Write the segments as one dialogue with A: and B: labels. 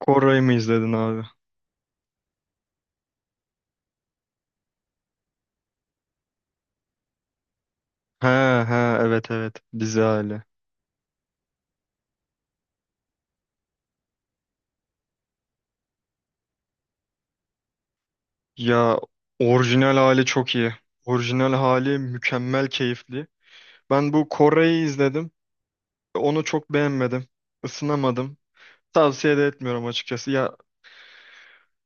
A: Koray'ı mı izledin abi? He he evet evet dizi hali. Ya orijinal hali çok iyi. Orijinal hali mükemmel keyifli. Ben bu Koray'ı izledim. Onu çok beğenmedim. Isınamadım. Tavsiye de etmiyorum açıkçası. Ya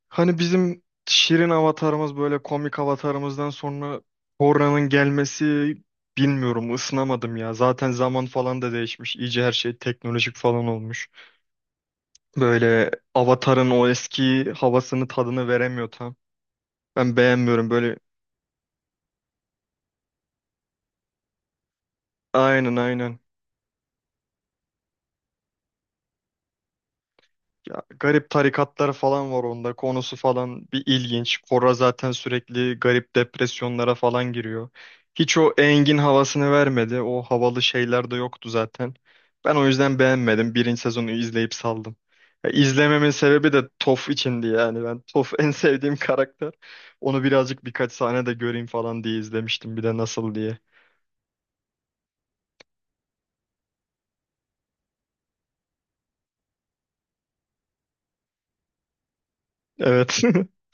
A: hani bizim şirin avatarımız böyle komik avatarımızdan sonra Koray'ın gelmesi, bilmiyorum, ısınamadım ya. Zaten zaman falan da değişmiş. İyice her şey teknolojik falan olmuş. Böyle Avatar'ın o eski havasını tadını veremiyor tam. Ben beğenmiyorum böyle. Aynen aynen. Ya, garip tarikatlar falan var onda. Konusu falan bir ilginç. Korra zaten sürekli garip depresyonlara falan giriyor. Hiç o Engin havasını vermedi. O havalı şeyler de yoktu zaten. Ben o yüzden beğenmedim. Birinci sezonu izleyip saldım. Ya, izlememin sebebi de Toph içindi yani. Ben Toph en sevdiğim karakter. Onu birazcık birkaç sahne de göreyim falan diye izlemiştim, bir de nasıl diye. Evet.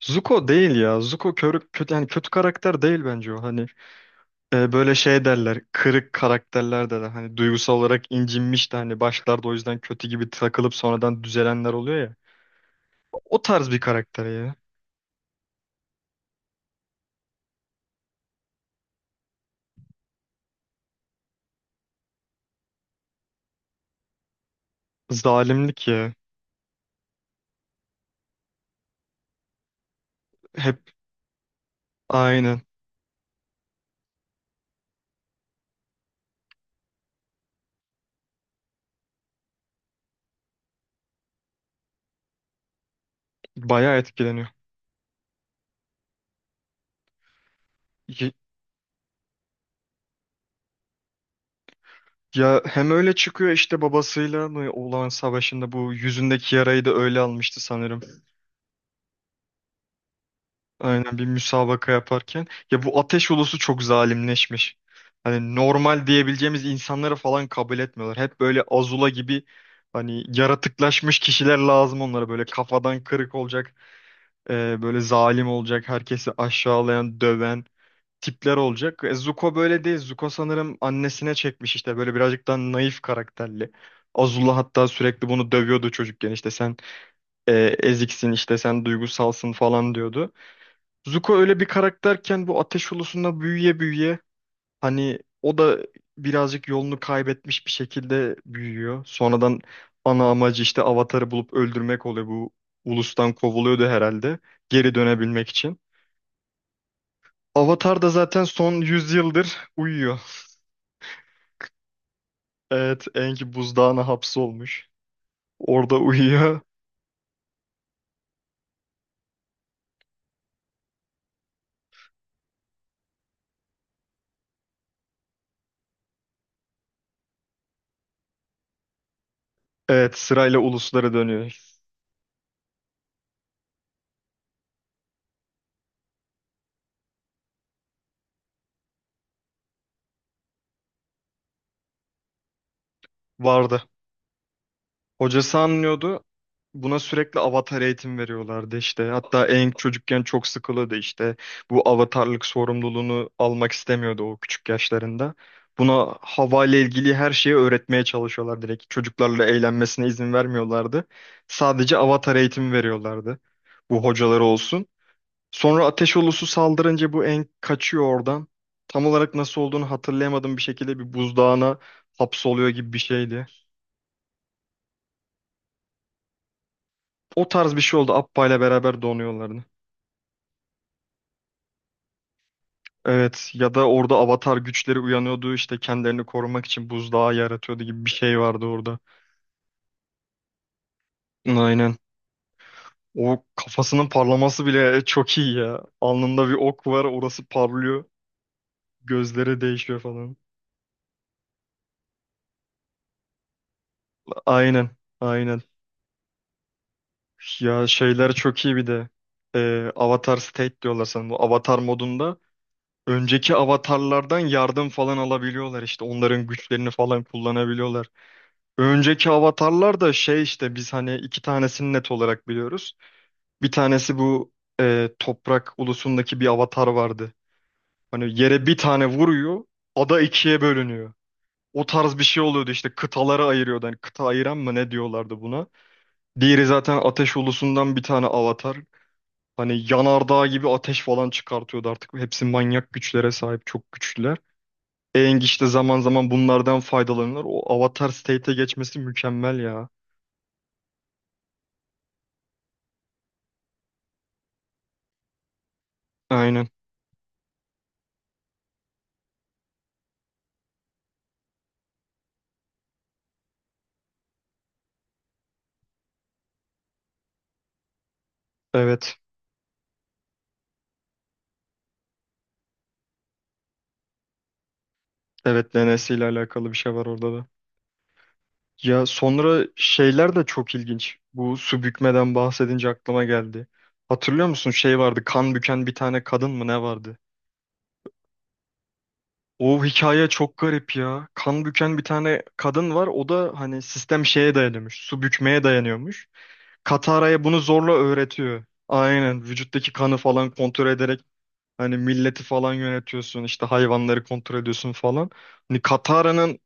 A: Zuko değil ya. Zuko körü, kötü, yani kötü karakter değil bence o. Hani böyle şey derler. Kırık karakterler. De hani duygusal olarak incinmiş de hani başlarda o yüzden kötü gibi takılıp sonradan düzelenler oluyor ya. O tarz bir karakter ya. Zalimlik ya. Hep aynen. Bayağı etkileniyor. Y- Ya hem öyle çıkıyor, işte babasıyla mı olan savaşında bu yüzündeki yarayı da öyle almıştı sanırım. Aynen, bir müsabaka yaparken. Ya, bu ateş ulusu çok zalimleşmiş. Hani normal diyebileceğimiz insanları falan kabul etmiyorlar. Hep böyle Azula gibi hani yaratıklaşmış kişiler lazım onlara. Böyle kafadan kırık olacak, böyle zalim olacak, herkesi aşağılayan, döven tipler olacak. Zuko böyle değil. Zuko sanırım annesine çekmiş, işte böyle birazcık daha naif karakterli. Azula hatta sürekli bunu dövüyordu çocukken, işte sen e, eziksin, işte sen duygusalsın falan diyordu. Zuko öyle bir karakterken bu ateş ulusunda büyüye büyüye hani o da birazcık yolunu kaybetmiş bir şekilde büyüyor. Sonradan ana amacı işte Avatar'ı bulup öldürmek oluyor. Bu ulustan kovuluyordu herhalde, geri dönebilmek için. Avatar da zaten son 100 yıldır uyuyor. Evet, Aang buzdağına hapsolmuş. Orada uyuyor. Evet, sırayla uluslara dönüyor. Vardı. Hocası anlıyordu. Buna sürekli avatar eğitim veriyorlardı işte. Hatta en çocukken çok sıkılıyordu işte. Bu avatarlık sorumluluğunu almak istemiyordu o küçük yaşlarında. Buna hava ile ilgili her şeyi öğretmeye çalışıyorlar direkt. Çocuklarla eğlenmesine izin vermiyorlardı. Sadece avatar eğitimi veriyorlardı. Bu hocaları olsun. Sonra ateş ulusu saldırınca bu en kaçıyor oradan. Tam olarak nasıl olduğunu hatırlayamadığım bir şekilde bir buzdağına hapsoluyor gibi bir şeydi. O tarz bir şey oldu. Appa ile beraber donuyorlardı. Evet ya da orada avatar güçleri uyanıyordu işte, kendilerini korumak için buzdağı yaratıyordu gibi bir şey vardı orada. Aynen. O kafasının parlaması bile çok iyi ya. Alnında bir ok var, orası parlıyor. Gözleri değişiyor falan. Aynen. Aynen. Ya şeyler çok iyi bir de. Avatar State diyorlar sanırım. Bu avatar modunda önceki avatarlardan yardım falan alabiliyorlar işte. Onların güçlerini falan kullanabiliyorlar. Önceki avatarlar da şey işte, biz hani iki tanesini net olarak biliyoruz. Bir tanesi bu toprak ulusundaki bir avatar vardı. Hani yere bir tane vuruyor, ada ikiye bölünüyor. O tarz bir şey oluyordu işte, kıtaları ayırıyordu. Hani kıta ayıran mı ne diyorlardı buna. Diğeri zaten ateş ulusundan bir tane avatar. Hani yanardağ gibi ateş falan çıkartıyordu artık. Hepsi manyak güçlere sahip, çok güçlüler. Aang işte zaman zaman bunlardan faydalanır. O avatar state'e geçmesi mükemmel ya. Aynen. Evet. Evet, DNS ile alakalı bir şey var orada da. Ya sonra şeyler de çok ilginç. Bu su bükmeden bahsedince aklıma geldi. Hatırlıyor musun, şey vardı, kan büken bir tane kadın mı ne vardı? O hikaye çok garip ya. Kan büken bir tane kadın var. O da hani sistem şeye dayanıyormuş. Su bükmeye dayanıyormuş. Katara'ya bunu zorla öğretiyor. Aynen, vücuttaki kanı falan kontrol ederek hani milleti falan yönetiyorsun, işte hayvanları kontrol ediyorsun falan. Hani Katara'nın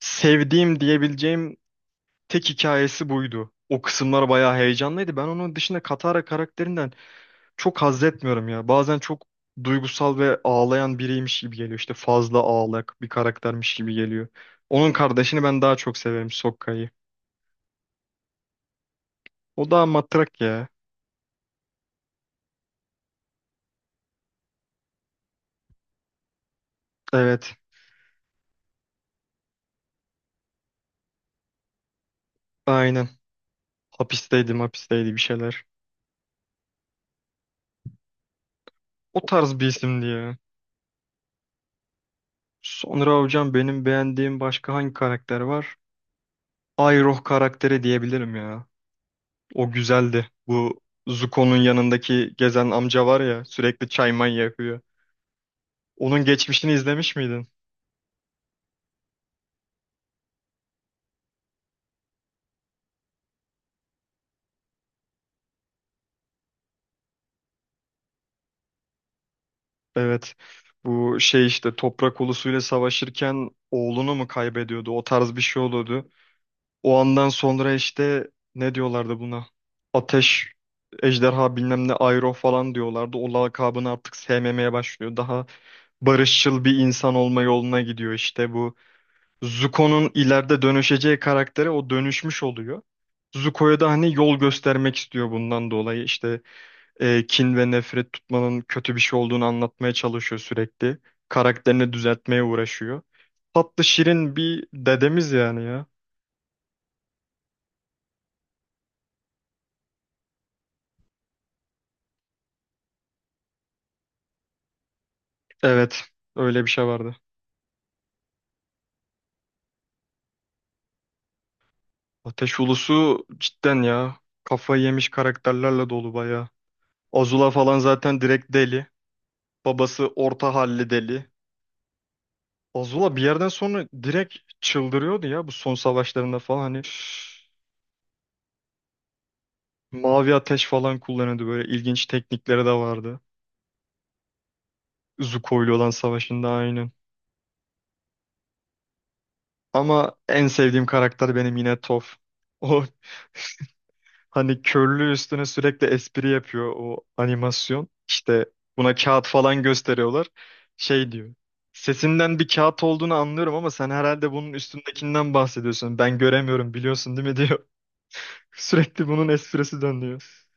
A: sevdiğim diyebileceğim tek hikayesi buydu. O kısımlar bayağı heyecanlıydı. Ben onun dışında Katara karakterinden çok haz etmiyorum ya. Bazen çok duygusal ve ağlayan biriymiş gibi geliyor. İşte fazla ağlak bir karaktermiş gibi geliyor. Onun kardeşini ben daha çok severim, Sokka'yı. O daha matrak ya. Evet, aynen. Hapisteydi, hapisteydi bir şeyler. O tarz bir isimdi ya. Sonra hocam benim beğendiğim başka hangi karakter var? Iroh karakteri diyebilirim ya. O güzeldi. Bu Zuko'nun yanındaki gezen amca var ya, sürekli çay may yakıyor. Onun geçmişini izlemiş miydin? Evet. Bu şey işte, toprak ulusuyla savaşırken oğlunu mu kaybediyordu? O tarz bir şey oluyordu. O andan sonra işte ne diyorlardı buna? Ateş, ejderha bilmem ne Iroh falan diyorlardı. O lakabını artık sevmemeye başlıyor. Daha barışçıl bir insan olma yoluna gidiyor, işte bu Zuko'nun ileride dönüşeceği karaktere o dönüşmüş oluyor. Zuko'ya da hani yol göstermek istiyor bundan dolayı. İşte kin ve nefret tutmanın kötü bir şey olduğunu anlatmaya çalışıyor sürekli. Karakterini düzeltmeye uğraşıyor. Tatlı şirin bir dedemiz yani ya. Evet, öyle bir şey vardı. Ateş Ulusu cidden ya. Kafayı yemiş karakterlerle dolu bayağı. Azula falan zaten direkt deli. Babası orta halli deli. Azula bir yerden sonra direkt çıldırıyordu ya bu son savaşlarında falan, hani mavi ateş falan kullanıyordu, böyle ilginç teknikleri de vardı. Zuko ile olan savaşında aynen. Ama en sevdiğim karakter benim yine Toph. O hani körlüğü üstüne sürekli espri yapıyor o animasyon. İşte buna kağıt falan gösteriyorlar. Şey diyor. Sesinden bir kağıt olduğunu anlıyorum ama sen herhalde bunun üstündekinden bahsediyorsun. Ben göremiyorum, biliyorsun değil mi diyor. Sürekli bunun esprisi dönüyor.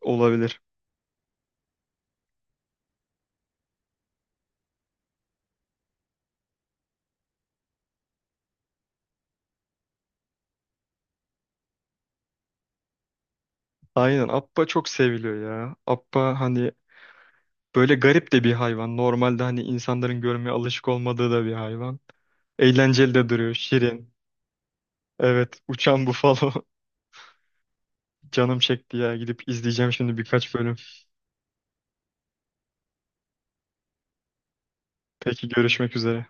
A: Olabilir. Aynen, Appa çok seviliyor ya. Appa hani böyle garip de bir hayvan. Normalde hani insanların görmeye alışık olmadığı da bir hayvan. Eğlenceli de duruyor, şirin. Evet, uçan bufalo. Canım çekti ya. Gidip izleyeceğim şimdi birkaç bölüm. Peki, görüşmek üzere.